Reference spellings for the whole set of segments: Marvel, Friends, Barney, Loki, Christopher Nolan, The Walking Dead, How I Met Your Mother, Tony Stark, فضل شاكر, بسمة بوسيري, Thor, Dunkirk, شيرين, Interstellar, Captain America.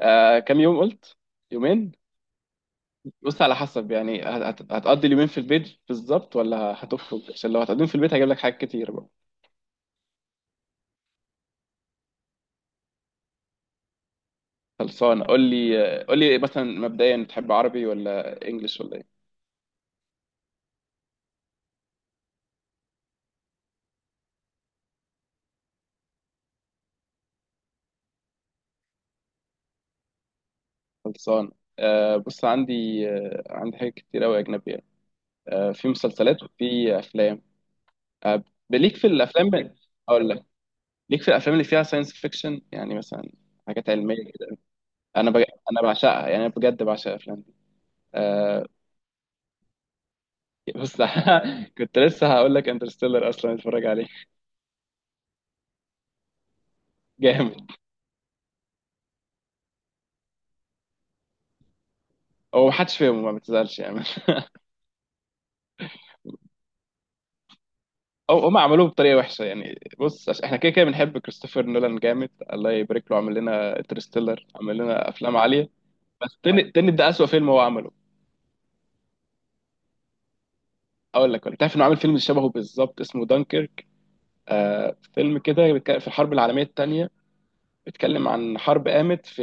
آه، كام يوم قلت؟ يومين. بص، على حسب يعني هتقضي اليومين في البيت بالظبط ولا هتخرج؟ عشان لو هتقضيهم في البيت هجيب لك حاجات كتير بقى. خلصان، قول لي آه، قول لي مثلا مبدئيا تحب عربي ولا انجليش ولا ايه؟ خلصان. آه بص عندي، آه عندي حاجات كتير قوي اجنبيه. آه في مسلسلات وفي افلام. آه. ليك في الافلام، اقول لك، ليك في الافلام اللي فيها ساينس فيكشن، يعني مثلا حاجات علميه كده. انا بج... انا بعشقها، يعني انا بجد بعشق الافلام دي. آه، بس. كنت لسه هقول لك انترستيلر اصلا اتفرج عليه. جامد. هو محدش فاهمه، ما بتزعلش يعني. او هم عملوه بطريقه وحشه يعني. بص، عشان احنا كده كده بنحب كريستوفر نولان جامد، الله يبارك له، عمل لنا انترستيلر، عمل لنا افلام عاليه، بس تنت، تنت ده اسوأ فيلم هو عمله. اقول لك، انت عارف انه عامل فيلم شبهه بالظبط اسمه دانكيرك؟ آه، فيلم كده بيتكلم في الحرب العالميه الثانيه، بيتكلم عن حرب قامت في،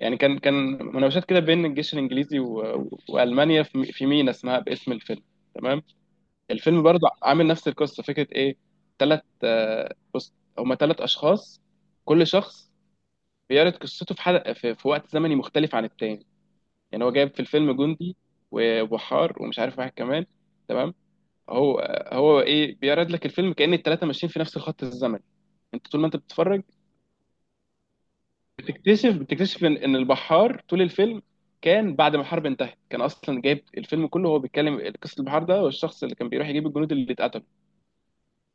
يعني كان مناوشات كده بين الجيش الانجليزي والمانيا في مينا اسمها باسم الفيلم. تمام. الفيلم برضه عامل نفس القصه، فكره ايه؟ تلات، آه، بص، هما تلات اشخاص، كل شخص بيعرض قصته في حلقه في وقت زمني مختلف عن التاني. يعني هو جايب في الفيلم جندي وبحار ومش عارف واحد كمان، تمام؟ هو هو ايه، بيعرض لك الفيلم كأن التلاته ماشيين في نفس الخط الزمني. انت طول ما انت بتتفرج بتكتشف ان البحار طول الفيلم كان بعد ما الحرب انتهت، كان اصلا جايب الفيلم كله، هو بيتكلم قصه البحار ده والشخص اللي كان بيروح يجيب الجنود اللي اتقتلوا،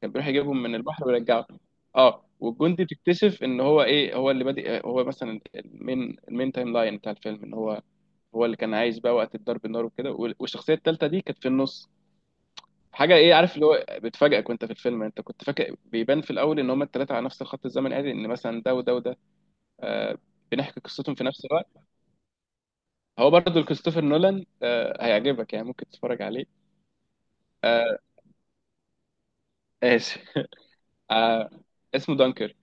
كان بيروح يجيبهم من البحر ويرجعه. اه. والجندي بتكتشف ان هو ايه، هو اللي بادئ، هو مثلا المين تايم لاين بتاع الفيلم، ان هو، هو اللي كان عايش بقى وقت الضرب النار وكده. والشخصيه الثالثه دي كانت في النص. حاجه ايه، عارف اللي هو بتفاجئك وانت في الفيلم؟ انت كنت فاكر بيبان في الاول ان هما الثلاثه على نفس الخط الزمني عادي، ان مثلا ده وده وده، آه، بنحكي قصتهم في نفس الوقت. هو برضه كريستوفر نولان، آه هيعجبك يعني، ممكن تتفرج عليه. آه. ماشي. آه، اسمه دانكر.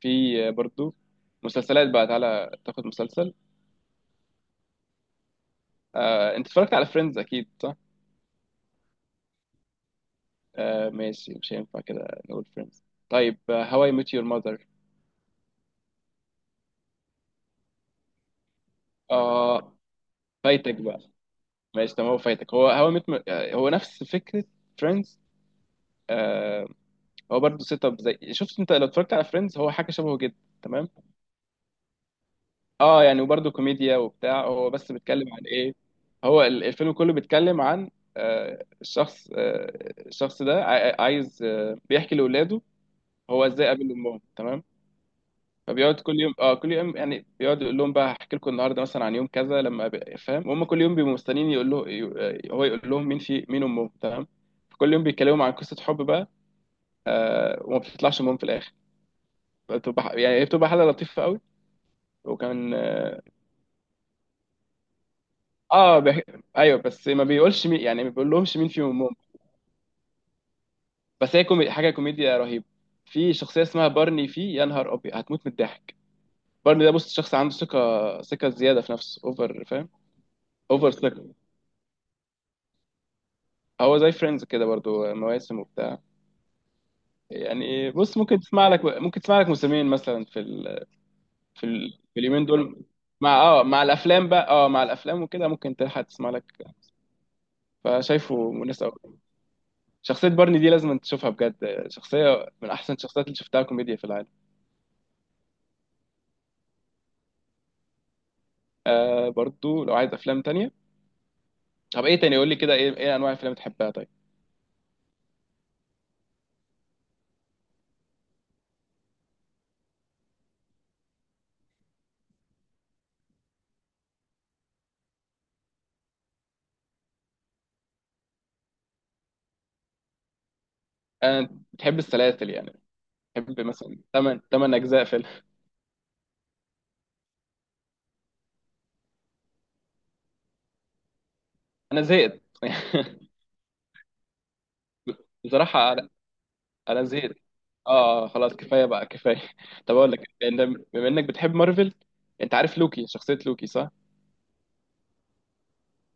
في برضو مسلسلات بقى، تعالى تاخد مسلسل. آه، انت اتفرجت على فريندز اكيد صح؟ آه، ماشي، مش هينفع كده نقول فريندز. طيب هواي ميت يور ماذر؟ اه، فايتك بقى. ماشي تمام، هو فايتك، هو ميت، هو نفس فكرة فريندز. آه، هو برضه سيت اب، زي، شفت، انت لو اتفرجت على فريندز هو حاجة شبهه جدا. تمام. اه يعني، وبرضه كوميديا وبتاع، هو بس بيتكلم عن ايه. هو الفيلم كله بيتكلم عن، آه، الشخص، آه الشخص ده عايز، آه، بيحكي لاولاده هو ازاي قابل امهم، تمام؟ فبيقعد كل يوم، اه كل يوم يعني، بيقعد يقول لهم بقى هحكي لكم النهارده مثلا عن يوم كذا لما فاهم، وهم كل يوم بيبقوا مستنيين يقول له هو يقول لهم مين في مين امهم، تمام. كل يوم بيتكلموا عن قصه حب بقى، آه، وما بتطلعش امهم في الاخر. بتبقى يعني هي بتبقى حاله لطيفه قوي. وكان اه، آه، ايوه، بس ما بيقولش مين، يعني ما بيقولهمش مين فيهم امهم. بس هي حاجه كوميديا رهيبه. في شخصيه اسمها بارني، في، يا نهار ابيض، هتموت من الضحك. بارني ده بص، شخص عنده ثقه زياده في نفسه، اوفر، فاهم، اوفر سليب. هو زي فريندز كده برضو، مواسم وبتاع، يعني بص، ممكن تسمع لك موسمين مثلا في في اليومين دول مع، اه مع الافلام بقى، اه مع الافلام وكده، ممكن تلحق تسمع لك. فشايفه مناسب قوي. شخصية بارني دي لازم تشوفها بجد، شخصية من احسن الشخصيات اللي شفتها كوميديا في العالم. آه برضو لو عايز افلام تانية، طب ايه تاني، قول لي كده ايه انواع الافلام بتحبها، طيب؟ انا بتحب السلاسل يعني، بتحب مثلا 8 اجزاء فيلم. انا زهقت. بصراحة انا زهقت. اه، آه، خلاص كفايه بقى كفايه. طب اقول لك بما انك بتحب مارفل، انت عارف لوكي، شخصيه لوكي، صح؟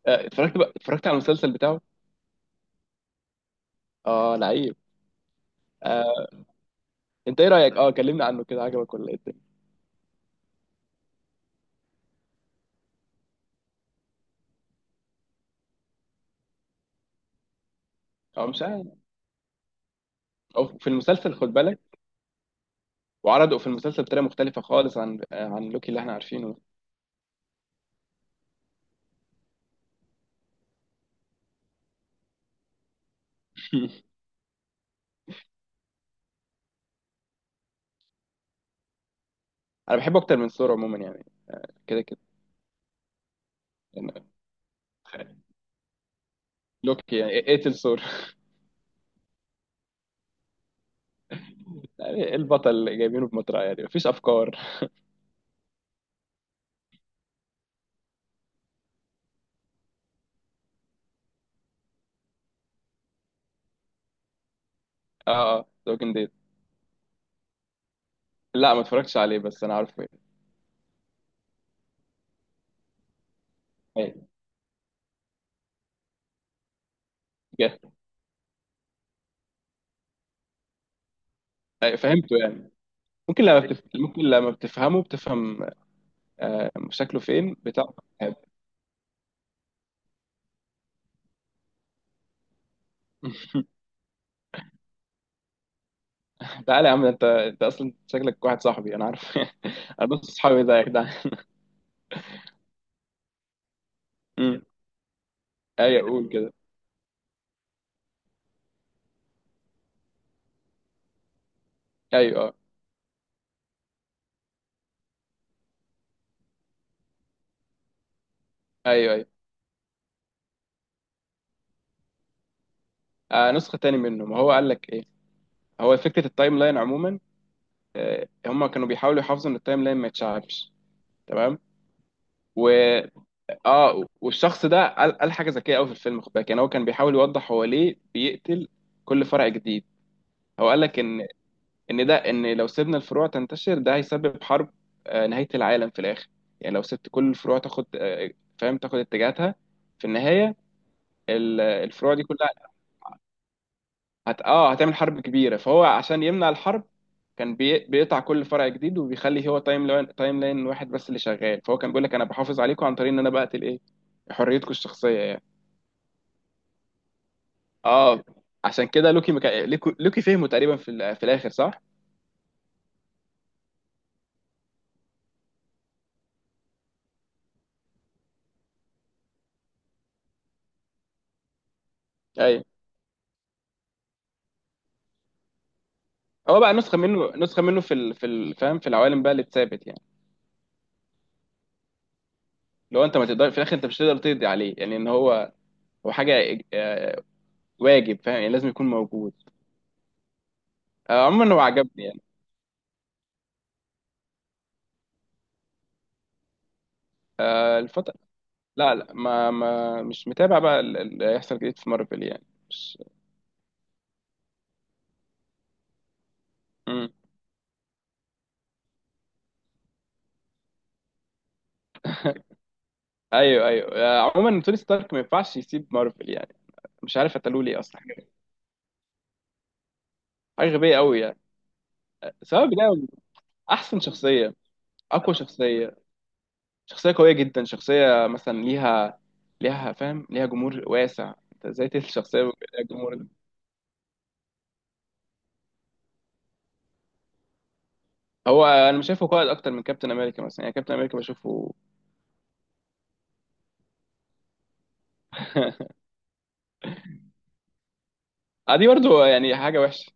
آه، اتفرجت بقى، اتفرجت على المسلسل بتاعه؟ اه لعيب. آه، انت ايه رايك، اه كلمنا عنه كده، عجبك ولا ايه الدنيا؟ اه مش عارف. او في المسلسل خد بالك، وعرضوا في المسلسل بطريقه مختلفه خالص عن، آه، عن لوكي اللي احنا عارفينه. انا بحبه اكتر من ثور عموما يعني، كده كده. يعني لوكي، يعني اقتل ثور. يعني إيه البطل اللي جايبينه بمطرقه، يعني مفيش افكار. اه اه، ذا ووكينج ديد. لا ما اتفرجتش عليه بس انا عارفه. يعني. جه- أيوة، فهمته يعني. ممكن لما أيوة. ممكن لما بتفهمه بتفهم، آه، شكله فين بتاع. تعالى يا عم، انت انت اصلا شكلك واحد صاحبي انا عارف. انا نص صحابي ده يا جدعان. أمم. ايوه قول كده. ايوه اه. ايوه ايوه. آه نسخه تاني منه، ما هو قال لك ايه. هو فكره التايم لاين عموما، آه هم كانوا بيحاولوا يحافظوا ان التايم لاين ما يتشعبش. تمام. و، اه، والشخص ده قال حاجه ذكيه قوي في الفيلم، خد بالك، يعني هو كان بيحاول يوضح هو ليه بيقتل كل فرع جديد. هو قال لك ان ده، ان لو سيبنا الفروع تنتشر ده هيسبب حرب، آه، نهاية العالم في الاخر. يعني لو سبت كل الفروع تاخد، آه، فاهم، تاخد اتجاهاتها، في النهاية الفروع دي كلها اه هتعمل حرب كبيرة. فهو عشان يمنع الحرب، بيقطع كل فرع جديد وبيخلي هو تايم لاين واحد بس اللي شغال. فهو كان بيقول لك انا بحافظ عليكم عن طريق ان انا بقتل ايه، حريتكم الشخصية يعني. اه عشان كده لوكي لوكي فهمه تقريبا في في الاخر، صح؟ ايوه هو بقى نسخه منه، نسخه منه في فاهم، في العوالم بقى اللي اتثابت يعني. لو انت ما تقدر في الاخر، انت مش تقدر تقضي عليه، يعني ان هو، هو حاجه آه، واجب، فاهم، يعني لازم يكون موجود. آه، عموما هو عجبني يعني. آه، الفتره، لا لا، ما مش متابع بقى اللي هيحصل جديد في مارفل يعني، مش. مم. ايوه ايوه. آه، عموما توني ستارك ما ينفعش يسيب مارفل يعني، مش عارف قتلوه ليه اصلا، حاجه، حاجة غبيه قوي يعني. سواء ده احسن شخصيه، اقوى شخصيه، شخصية قوية جدا، شخصية مثلا ليها، ليها فاهم، ليها جمهور واسع، انت ازاي تقتل شخصية ليها جمهور ده؟ هو انا مش شايفه قائد اكتر من كابتن امريكا مثلا، يعني كابتن امريكا بشوفه. آه، دي برضو يعني حاجة وحشة.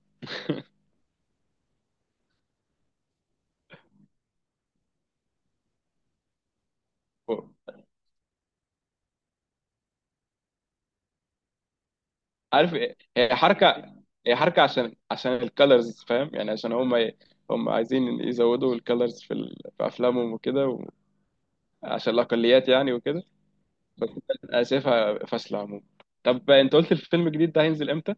عارف إيه؟ هي حركة، هي حركة عشان، عشان الكالرز، فاهم، يعني عشان هم عايزين يزودوا الكالرز في في افلامهم وكده، عشان الاقليات يعني وكده. بس انا شايفها فاشلة عموما. طب انت قلت الفيلم الجديد ده هينزل امتى؟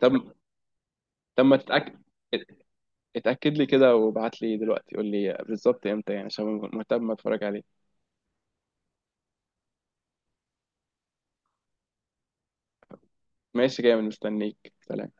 طب طب ما تتأكد، اتأكد لي كده وابعت لي دلوقتي، قول لي بالظبط امتى يعني، عشان مهتم اتفرج عليه. ماشي جامد، مستنيك، سلام.